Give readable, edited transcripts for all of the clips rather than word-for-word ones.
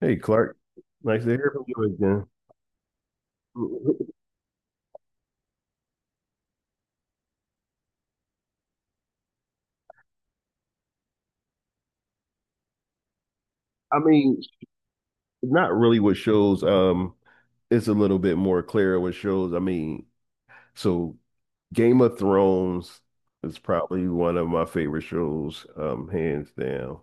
Hey, Clark. Nice to hear from you again. I mean, not really what shows. It's a little bit more clear what shows. So Game of Thrones is probably one of my favorite shows, hands down.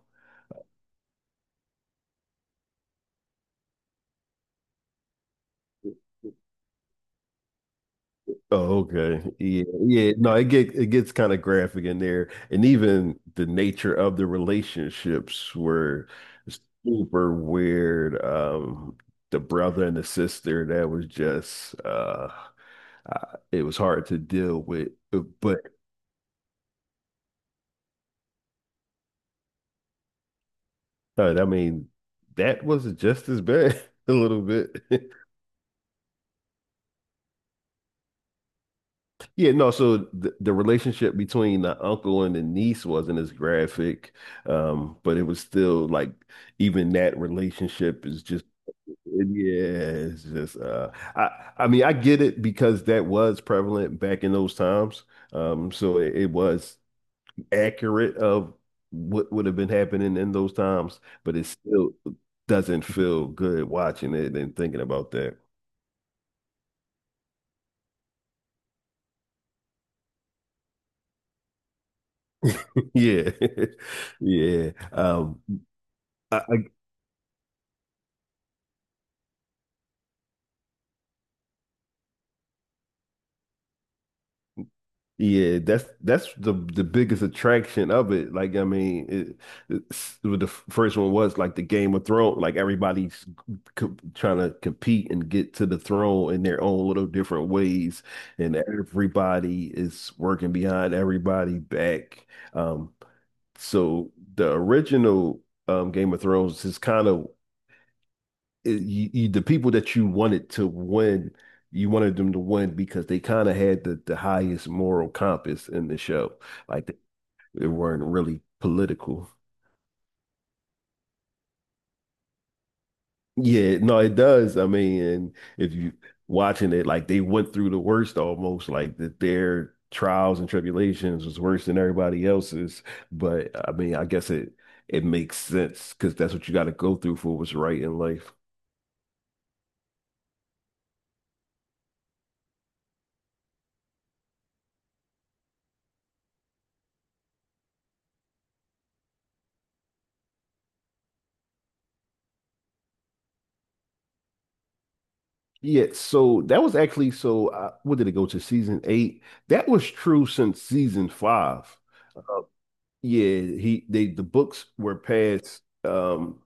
Oh, okay. Yeah, yeah. No, it gets kind of graphic in there, and even the nature of the relationships were super weird. The brother and the sister that was just it was hard to deal with. But uh, I mean, that was just as bad a little bit. Yeah, no. So the relationship between the uncle and the niece wasn't as graphic, but it was still like even that relationship is just yeah, it's just I I mean I get it because that was prevalent back in those times. So it was accurate of what would have been happening in those times, but it still doesn't feel good watching it and thinking about that. Yeah. Yeah. I yeah, that's the biggest attraction of it. Well, the first one was like the Game of Thrones, like everybody's co trying to compete and get to the throne in their own little different ways, and everybody is working behind everybody back. Um So the original Game of Thrones is kind of the people that you wanted to win, you wanted them to win because they kind of had the highest moral compass in the show. Like they weren't really political. Yeah, no, it does. I mean, and if you watching it, like they went through the worst almost, like that their trials and tribulations was worse than everybody else's. But I mean, I guess it makes sense because that's what you got to go through for what's right in life. Yeah, so that was actually so. What did it go to season eight? That was true since season five. Uh, yeah, he they the books were past um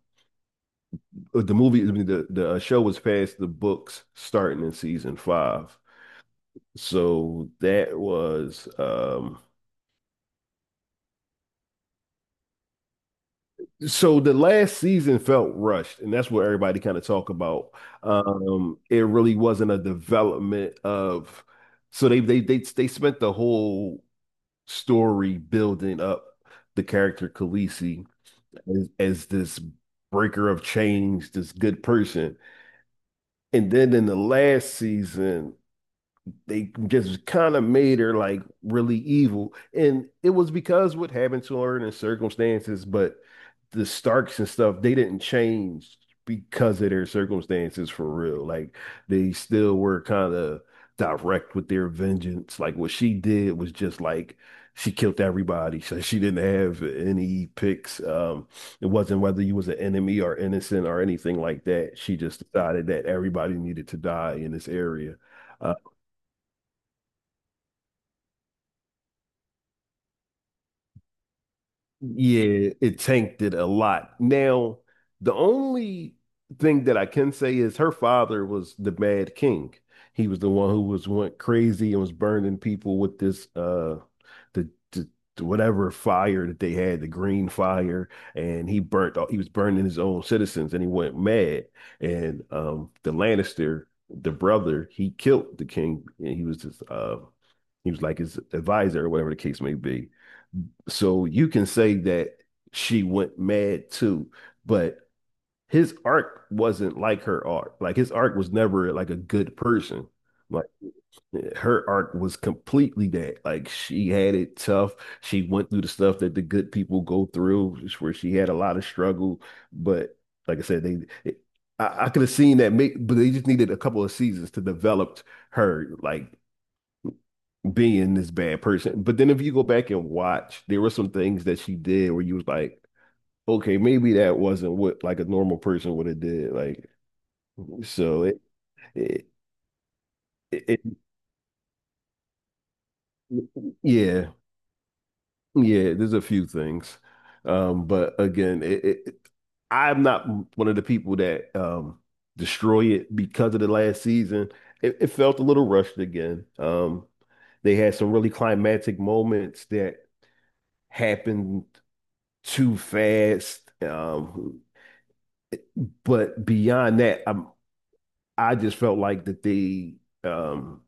uh, the movie I mean, the show was past the books starting in season five. So that was so the last season felt rushed, and that's what everybody kind of talk about. It really wasn't a development of. So they spent the whole story building up the character Khaleesi as this breaker of chains, this good person. And then in the last season, they just kind of made her like really evil. And it was because what happened to her and the circumstances, but the Starks and stuff, they didn't change because of their circumstances for real. Like they still were kind of direct with their vengeance. Like what she did was just like she killed everybody. So she didn't have any picks. It wasn't whether you was an enemy or innocent or anything like that. She just decided that everybody needed to die in this area. Yeah, it tanked it a lot. Now, the only thing that I can say is her father was the Mad King. He was the one who was went crazy and was burning people with this the, the the whatever fire that they had, the green fire, and he burnt all, he was burning his own citizens and he went mad. And the Lannister, the brother, he killed the king and he was just he was like his advisor or whatever the case may be. So you can say that she went mad too, but his arc wasn't like her arc. Like his arc was never like a good person. Like her arc was completely that. Like she had it tough. She went through the stuff that the good people go through, just where she had a lot of struggle. But like I said, I could have seen that make, but they just needed a couple of seasons to develop her. Like being this bad person. But then if you go back and watch, there were some things that she did where you was like, okay, maybe that wasn't what like a normal person would have did. Like so it it it- yeah, yeah, there's a few things. But again, it I'm not one of the people that destroy it because of the last season. It felt a little rushed again. They had some really climactic moments that happened too fast. But beyond that, I just felt like that they um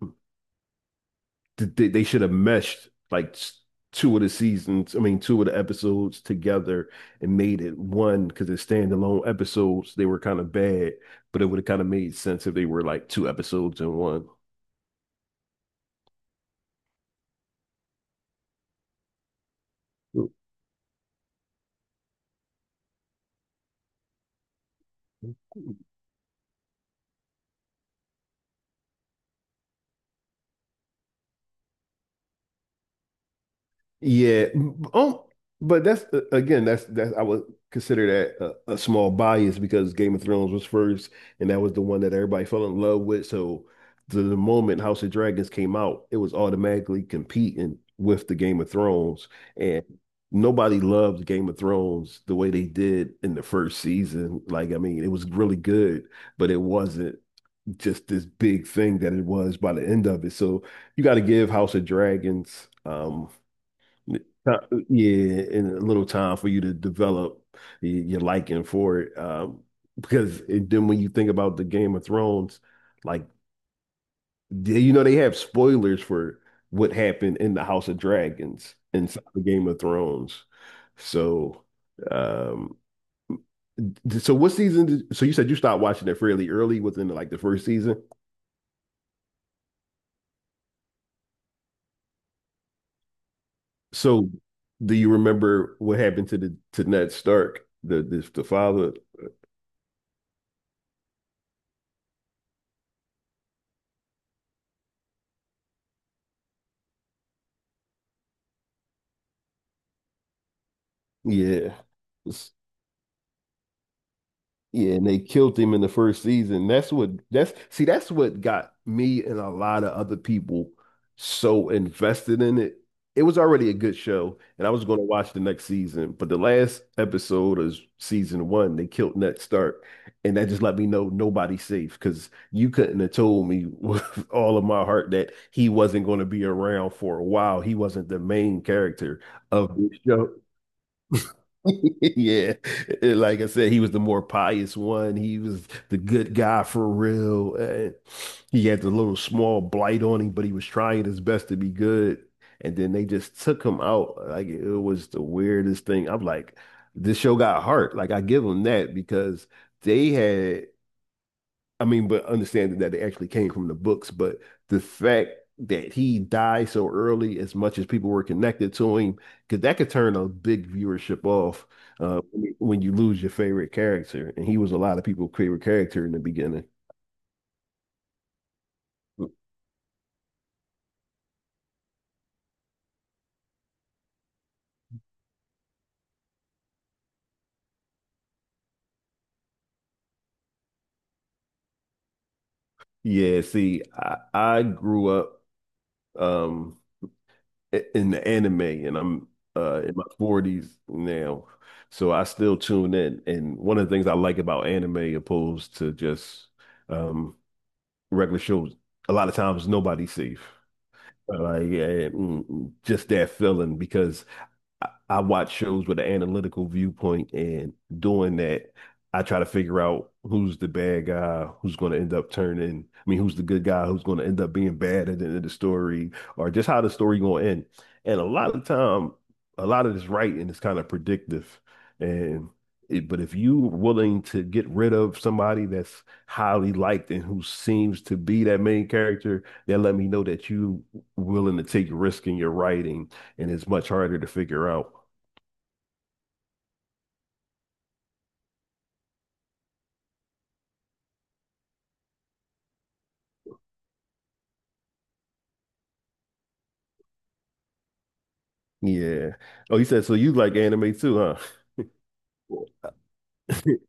they should have meshed like two of the seasons, I mean two of the episodes together and made it one because they're standalone episodes. They were kind of bad, but it would have kind of made sense if they were like two episodes in one. Yeah. Um, but that's again, that's I would consider that a small bias because Game of Thrones was first, and that was the one that everybody fell in love with. So the moment House of Dragons came out, it was automatically competing with the Game of Thrones, and nobody loved Game of Thrones the way they did in the first season. Like, I mean, it was really good, but it wasn't just this big thing that it was by the end of it. So you got to give House of Dragons. Uh, Yeah, and a little time for you to develop your liking for it. Then when you think about the Game of Thrones, like they, you know they have spoilers for what happened in the House of Dragons inside the Game of Thrones. So, um, so you said you stopped watching it fairly early within like the first season. So, do you remember what happened to the to Ned Stark, the father? Yeah. Yeah, and they killed him in the first season. That's what got me and a lot of other people so invested in it. It was already a good show, and I was going to watch the next season, but the last episode of season one, they killed Ned Stark, and that just let me know nobody's safe because you couldn't have told me with all of my heart that he wasn't going to be around for a while. He wasn't the main character of the show. Yeah, like I said, he was the more pious one. He was the good guy for real. And he had the little small blight on him, but he was trying his best to be good. And then they just took him out. Like it was the weirdest thing. I'm like, this show got heart. Like I give them that because they had I mean, but understanding that they actually came from the books, but the fact that he died so early, as much as people were connected to him, because that could turn a big viewership off uh, when you lose your favorite character. And he was a lot of people's favorite character in the beginning. Mm. Yeah, see, I grew up um in the anime and I'm in my 40s now. So I still tune in. And one of the things I like about anime opposed to just um regular shows, a lot of times nobody's safe. Like yeah, just that feeling because I watch shows with an analytical viewpoint, and doing that, I try to figure out who's the bad guy, who's going to end up turning. I mean, who's the good guy, who's going to end up being bad at the end of the story, or just how the story going to end. And a lot of time, a lot of this writing is kind of predictive, and it, but if you willing to get rid of somebody that's highly liked and who seems to be that main character, that let me know that you willing to take risk in your writing and it's much harder to figure out. Yeah. Oh, you said so you like anime too, huh?